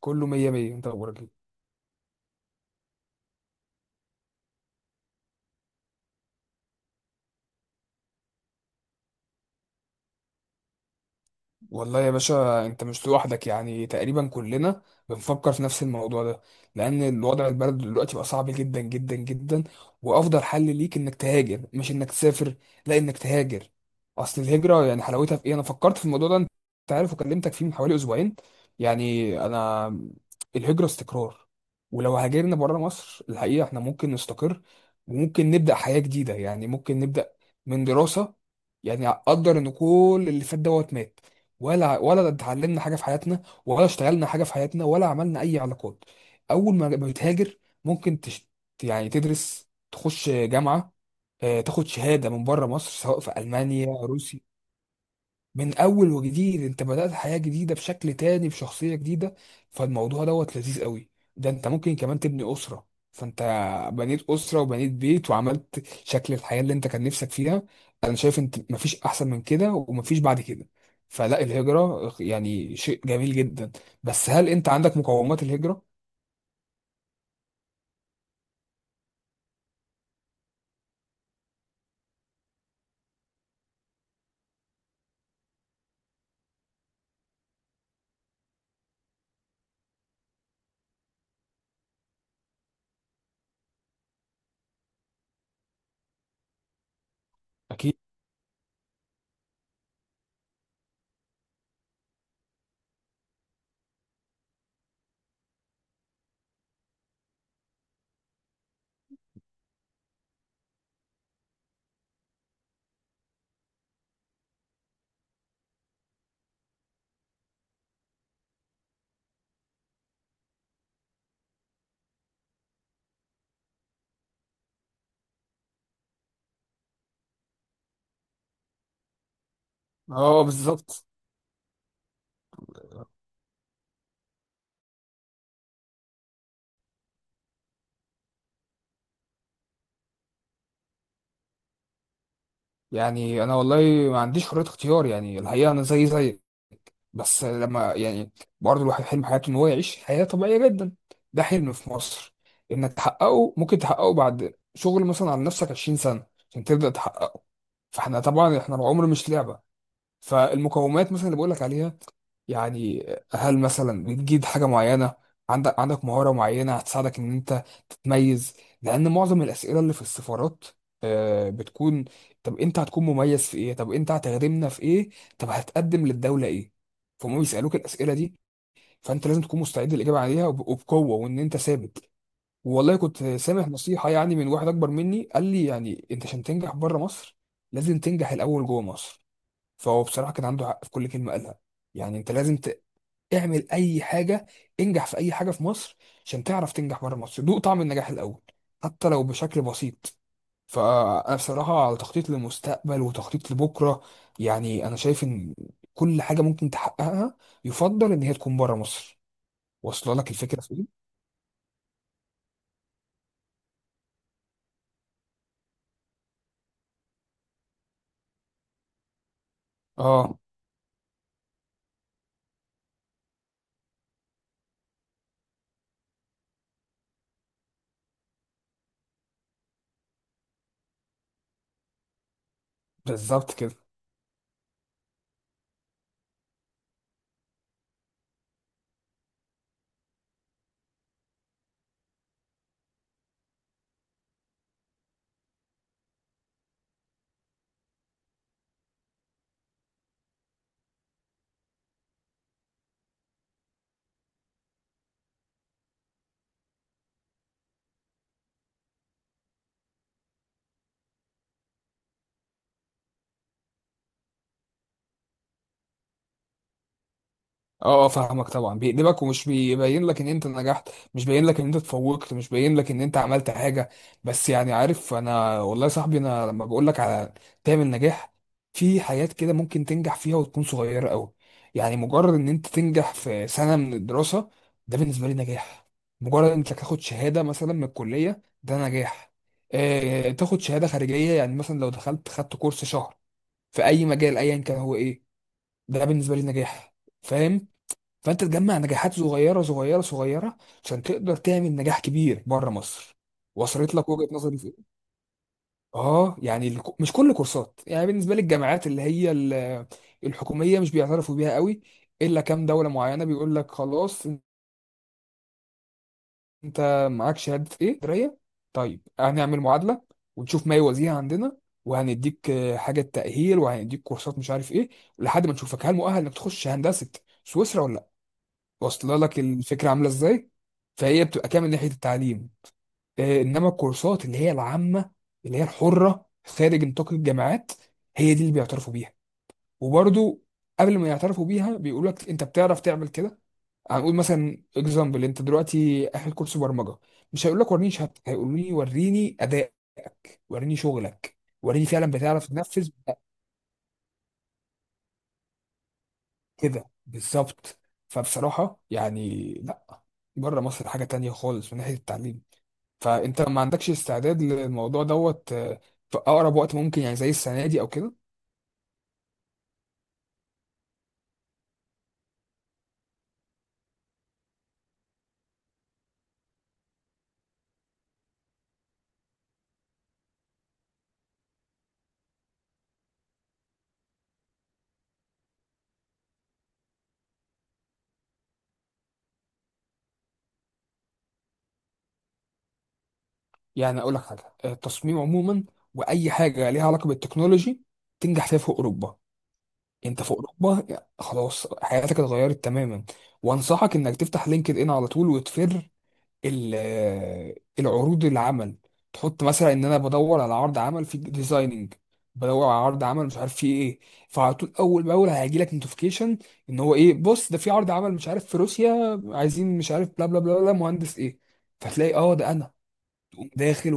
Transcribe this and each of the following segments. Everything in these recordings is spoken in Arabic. كله مية مية، انت اخبارك ايه؟ والله يا باشا، انت مش لوحدك، يعني تقريبا كلنا بنفكر في نفس الموضوع ده. لان الوضع البلد دلوقتي بقى صعب جدا جدا جدا. وافضل حل ليك انك تهاجر، مش انك تسافر، لا انك تهاجر. اصل الهجرة يعني حلاوتها في ايه. انا فكرت في الموضوع ده، انت عارف، وكلمتك فيه من حوالي اسبوعين. يعني انا، الهجرة استقرار. ولو هاجرنا بره مصر الحقيقة احنا ممكن نستقر، وممكن نبدأ حياة جديدة، يعني ممكن نبدأ من دراسة. يعني اقدر ان كل اللي فات دوت مات، ولا اتعلمنا حاجه في حياتنا، ولا اشتغلنا حاجه في حياتنا، ولا عملنا اي علاقات. اول ما بتهاجر، ممكن يعني تدرس تخش جامعه. تاخد شهاده من بره مصر، سواء في المانيا، روسيا. من اول وجديد، انت بدأت حياة جديدة بشكل تاني، بشخصية جديدة. فالموضوع دوت لذيذ قوي. ده انت ممكن كمان تبني أسرة، فانت بنيت أسرة وبنيت بيت وعملت شكل الحياة اللي انت كان نفسك فيها. انا شايف، انت مفيش احسن من كده ومفيش بعد كده. فلا، الهجرة يعني شيء جميل جدا. بس هل انت عندك مقومات الهجرة؟ اكيد. اه، بالظبط. يعني انا والله ما عنديش حرية اختيار، يعني الحقيقة انا زي زيك. بس لما يعني برضه الواحد حلم حياته ان هو يعيش حياة طبيعية جدا. ده حلم في مصر انك تحققه، ممكن تحققه بعد شغل مثلا على نفسك 20 سنة عشان تبدأ تحققه. فاحنا طبعا، احنا العمر مش لعبة. فالمقومات مثلا اللي بقول لك عليها، يعني هل مثلا بتجيد حاجة معينة، عندك مهارة معينة هتساعدك إن أنت تتميز؟ لأن معظم الأسئلة اللي في السفارات بتكون، طب أنت هتكون مميز في إيه؟ طب أنت هتخدمنا في إيه؟ طب هتقدم للدولة إيه؟ فهم بيسألوك الأسئلة دي، فأنت لازم تكون مستعد للإجابة عليها وبقوة، وإن أنت ثابت. والله كنت سامع نصيحة يعني من واحد أكبر مني، قال لي يعني أنت عشان تنجح بره مصر لازم تنجح الأول جوه مصر. فهو بصراحة كان عنده حق في كل كلمة قالها. يعني انت لازم اعمل اي حاجه، انجح في اي حاجه في مصر عشان تعرف تنجح بره مصر، دوق طعم النجاح الاول، حتى لو بشكل بسيط. فانا بصراحه على تخطيط للمستقبل وتخطيط لبكره. يعني انا شايف ان كل حاجه ممكن تحققها، يفضل ان هي تكون بره مصر. واصله لك الفكره في ايه؟ اه، بالظبط كده. اه، اه، فاهمك طبعا، بيقلبك ومش بيبين لك ان انت نجحت، مش باين لك ان انت اتفوقت، مش باين لك ان انت عملت حاجه. بس يعني عارف، انا والله يا صاحبي، انا لما بقول لك على تعمل نجاح، في حاجات كده ممكن تنجح فيها وتكون صغيره قوي. يعني مجرد ان انت تنجح في سنه من الدراسه، ده بالنسبه لي نجاح. مجرد انك تاخد شهاده مثلا من الكليه، ده نجاح. اه، تاخد شهاده خارجيه، يعني مثلا لو دخلت خدت كورس شهر في اي مجال ايا كان هو ايه، ده بالنسبه لي نجاح. فاهم؟ فانت تجمع نجاحات صغيره صغيره صغيره، عشان تقدر تعمل نجاح كبير بره مصر. وصلت لك وجهه نظري في؟ اه، يعني مش كل كورسات، يعني بالنسبه للجامعات اللي هي الحكوميه مش بيعترفوا بيها قوي، الا كام دوله معينه بيقول لك خلاص، انت معاك شهاده ايه دريه، طيب هنعمل معادله ونشوف ما يوازيها عندنا، وهنديك حاجه تاهيل، وهنديك كورسات مش عارف ايه، لحد ما نشوفك هل مؤهل انك تخش هندسه سويسرا ولا. واصله لك الفكره عامله ازاي؟ فهي بتبقى كامل ناحيه التعليم. انما الكورسات اللي هي العامه، اللي هي الحره خارج نطاق الجامعات، هي دي اللي بيعترفوا بيها. وبرضو، قبل ما يعترفوا بيها، بيقول لك انت بتعرف تعمل كده. هنقول مثلا اكزامبل انت دلوقتي اخد كورس برمجه، مش هيقول لك وريني شهادتك، هيقول لي وريني ادائك، وريني شغلك، وريني فعلا بتعرف تنفذ. كده بالظبط. فبصراحه يعني، لا، بره مصر حاجه تانية خالص من ناحيه التعليم. فانت ما عندكش استعداد للموضوع دوت في اقرب وقت ممكن، يعني زي السنه دي او كده؟ يعني اقول لك حاجه، التصميم عموما واي حاجه ليها علاقه بالتكنولوجي، تنجح فيها في اوروبا. انت في اوروبا خلاص حياتك اتغيرت تماما. وانصحك انك تفتح لينكد ان على طول، وتفر العروض العمل، تحط مثلا ان انا بدور على عرض عمل في ديزايننج، بدور على عرض عمل مش عارف فيه ايه. فعلى طول، اول باول هيجي لك نوتيفيكيشن ان هو ايه، بص ده في عرض عمل مش عارف في روسيا عايزين مش عارف بلا بلا بلا بلا مهندس ايه. فتلاقي اه ده انا، تقوم داخل.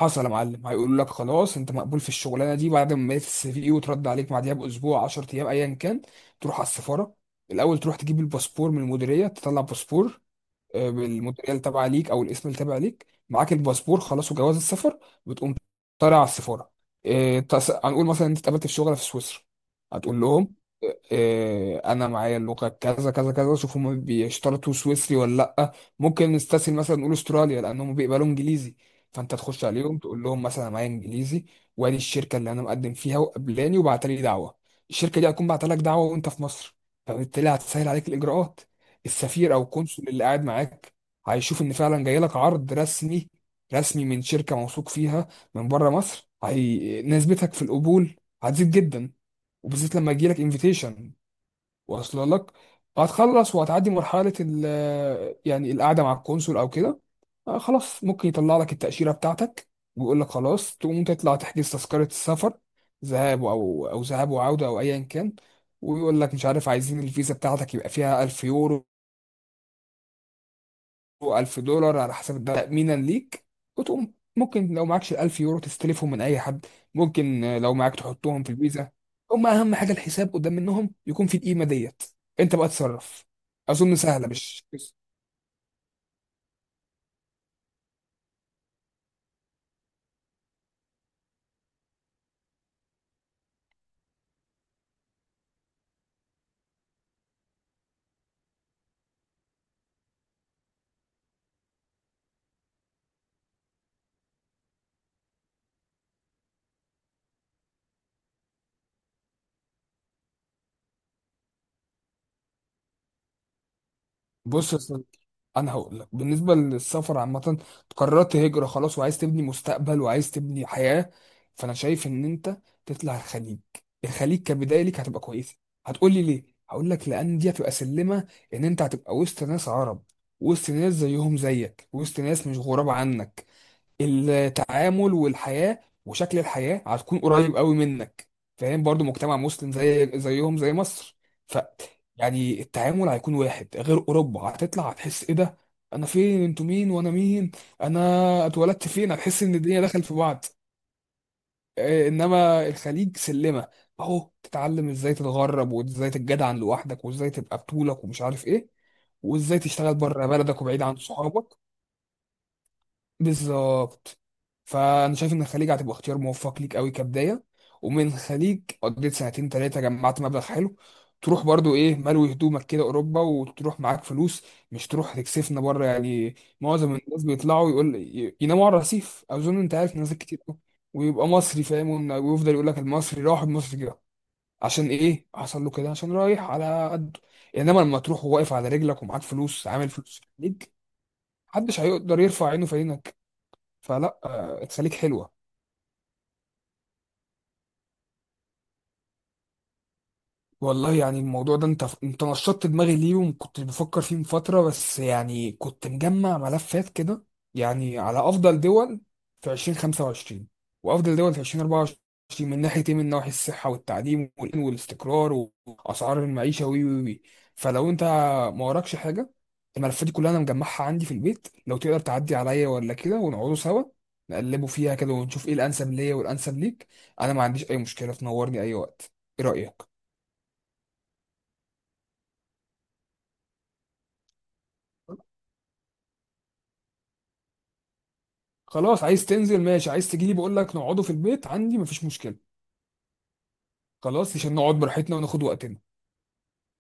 وحصل يا معلم، هيقول لك خلاص انت مقبول في الشغلانه دي بعد ما ميت السي في، وترد عليك بعديها باسبوع، 10 ايام ايا كان. تروح على السفاره، الاول تروح تجيب الباسبور من المديريه تطلع باسبور، بالموديل تبع ليك او الاسم اللي تبع ليك، معاك الباسبور خلاص وجواز السفر. بتقوم طالع على السفاره، هنقول مثلا انت اتقابلت في شغل في سويسرا، هتقول لهم انا معايا اللغه كذا كذا كذا، شوف هم بيشترطوا سويسري ولا لا. ممكن نستسهل مثلا نقول استراليا، لان هم بيقبلوا انجليزي. فانت تخش عليهم تقول لهم مثلا، أنا معايا انجليزي، وادي الشركه اللي انا مقدم فيها وقبلاني وبعت لي دعوه. الشركه دي هتكون بعت لك دعوه وانت في مصر، فبالتالي هتسهل عليك الاجراءات. السفير او القنصل اللي قاعد معاك هيشوف ان فعلا جاي لك عرض رسمي، رسمي من شركه موثوق فيها من بره مصر، هي نسبتك في القبول هتزيد جدا، وبالذات لما يجي لك انفيتيشن. واصل لك؟ هتخلص وهتعدي مرحله ال، يعني القعده مع القنصل او كده. خلاص ممكن يطلع لك التاشيره بتاعتك، ويقول لك خلاص تقوم تطلع تحجز تذكره السفر، ذهاب او ذهاب وعوده، او ايا كان. ويقول لك مش عارف عايزين الفيزا بتاعتك يبقى فيها 1000 يورو، 1000 دولار على حسب الدولار تأمينا ليك. وتقوم ممكن لو معكش الألف يورو تستلفهم من أي حد، ممكن لو معاك تحطهم في الفيزا. هم أهم حاجة الحساب قدام منهم يكون في القيمة ديت، أنت بقى تتصرف. أظن سهلة، مش؟ بص يا صديقي، انا هقول لك، بالنسبه للسفر عامه، قررت هجره خلاص وعايز تبني مستقبل وعايز تبني حياه، فانا شايف ان انت تطلع الخليج. الخليج كبدايه ليك هتبقى كويسه. هتقول لي ليه؟ هقول لك لان دي هتبقى سلمه، ان انت هتبقى وسط ناس عرب، وسط ناس زيهم زيك، وسط ناس مش غراب عنك. التعامل والحياة وشكل الحياة هتكون قريب قوي منك. فاهم؟ برضو مجتمع مسلم زي زيهم زي مصر. ف، يعني التعامل هيكون واحد، غير اوروبا هتطلع هتحس ايه ده، انا فين، انتوا مين وانا مين، انا اتولدت فين، هتحس ان الدنيا دخلت في بعض. انما الخليج سلمة، اهو تتعلم ازاي تتغرب، وازاي تتجدعن لوحدك، وازاي تبقى بطولك ومش عارف ايه، وازاي تشتغل بره بلدك وبعيد عن صحابك. بالظبط. فانا شايف ان الخليج هتبقى اختيار موفق ليك قوي كبدايه. ومن الخليج قضيت سنتين ثلاثه، جمعت مبلغ حلو، تروح برضو ايه ملوي هدومك كده اوروبا وتروح معاك فلوس، مش تروح تكسفنا بره يعني. معظم الناس بيطلعوا يقول يناموا على الرصيف، اظن انت عارف ناس كتير أوي. ويبقى مصري فاهم ويفضل يقول لك المصري راح المصري جه. عشان ايه حصل له كده؟ عشان رايح على قده. انما لما تروح واقف على رجلك ومعاك فلوس عامل فلوس في الخليج، محدش هيقدر يرفع عينه في. فلا، تخليك حلوه. والله يعني الموضوع ده انت نشطت دماغي ليه، وكنت بفكر فيه من فترة، بس يعني كنت مجمع ملفات كده، يعني على افضل دول في 2025، وافضل دول في 2024، من ناحية ايه، من ناحية الصحة والتعليم والامن والاستقرار، واسعار المعيشة وي وي وي فلو انت ما وراكش حاجة، الملفات دي كلها انا مجمعها عندي في البيت، لو تقدر تعدي عليا ولا كده ونقعدوا سوا، نقلبوا فيها كده ونشوف ايه الانسب ليا والانسب ليك. انا ما عنديش اي مشكلة، تنورني اي وقت. ايه رأيك؟ خلاص، عايز تنزل ماشي، عايز تجيلي بقول لك نقعده في البيت عندي، مفيش مشكله. خلاص، عشان نقعد براحتنا وناخد وقتنا.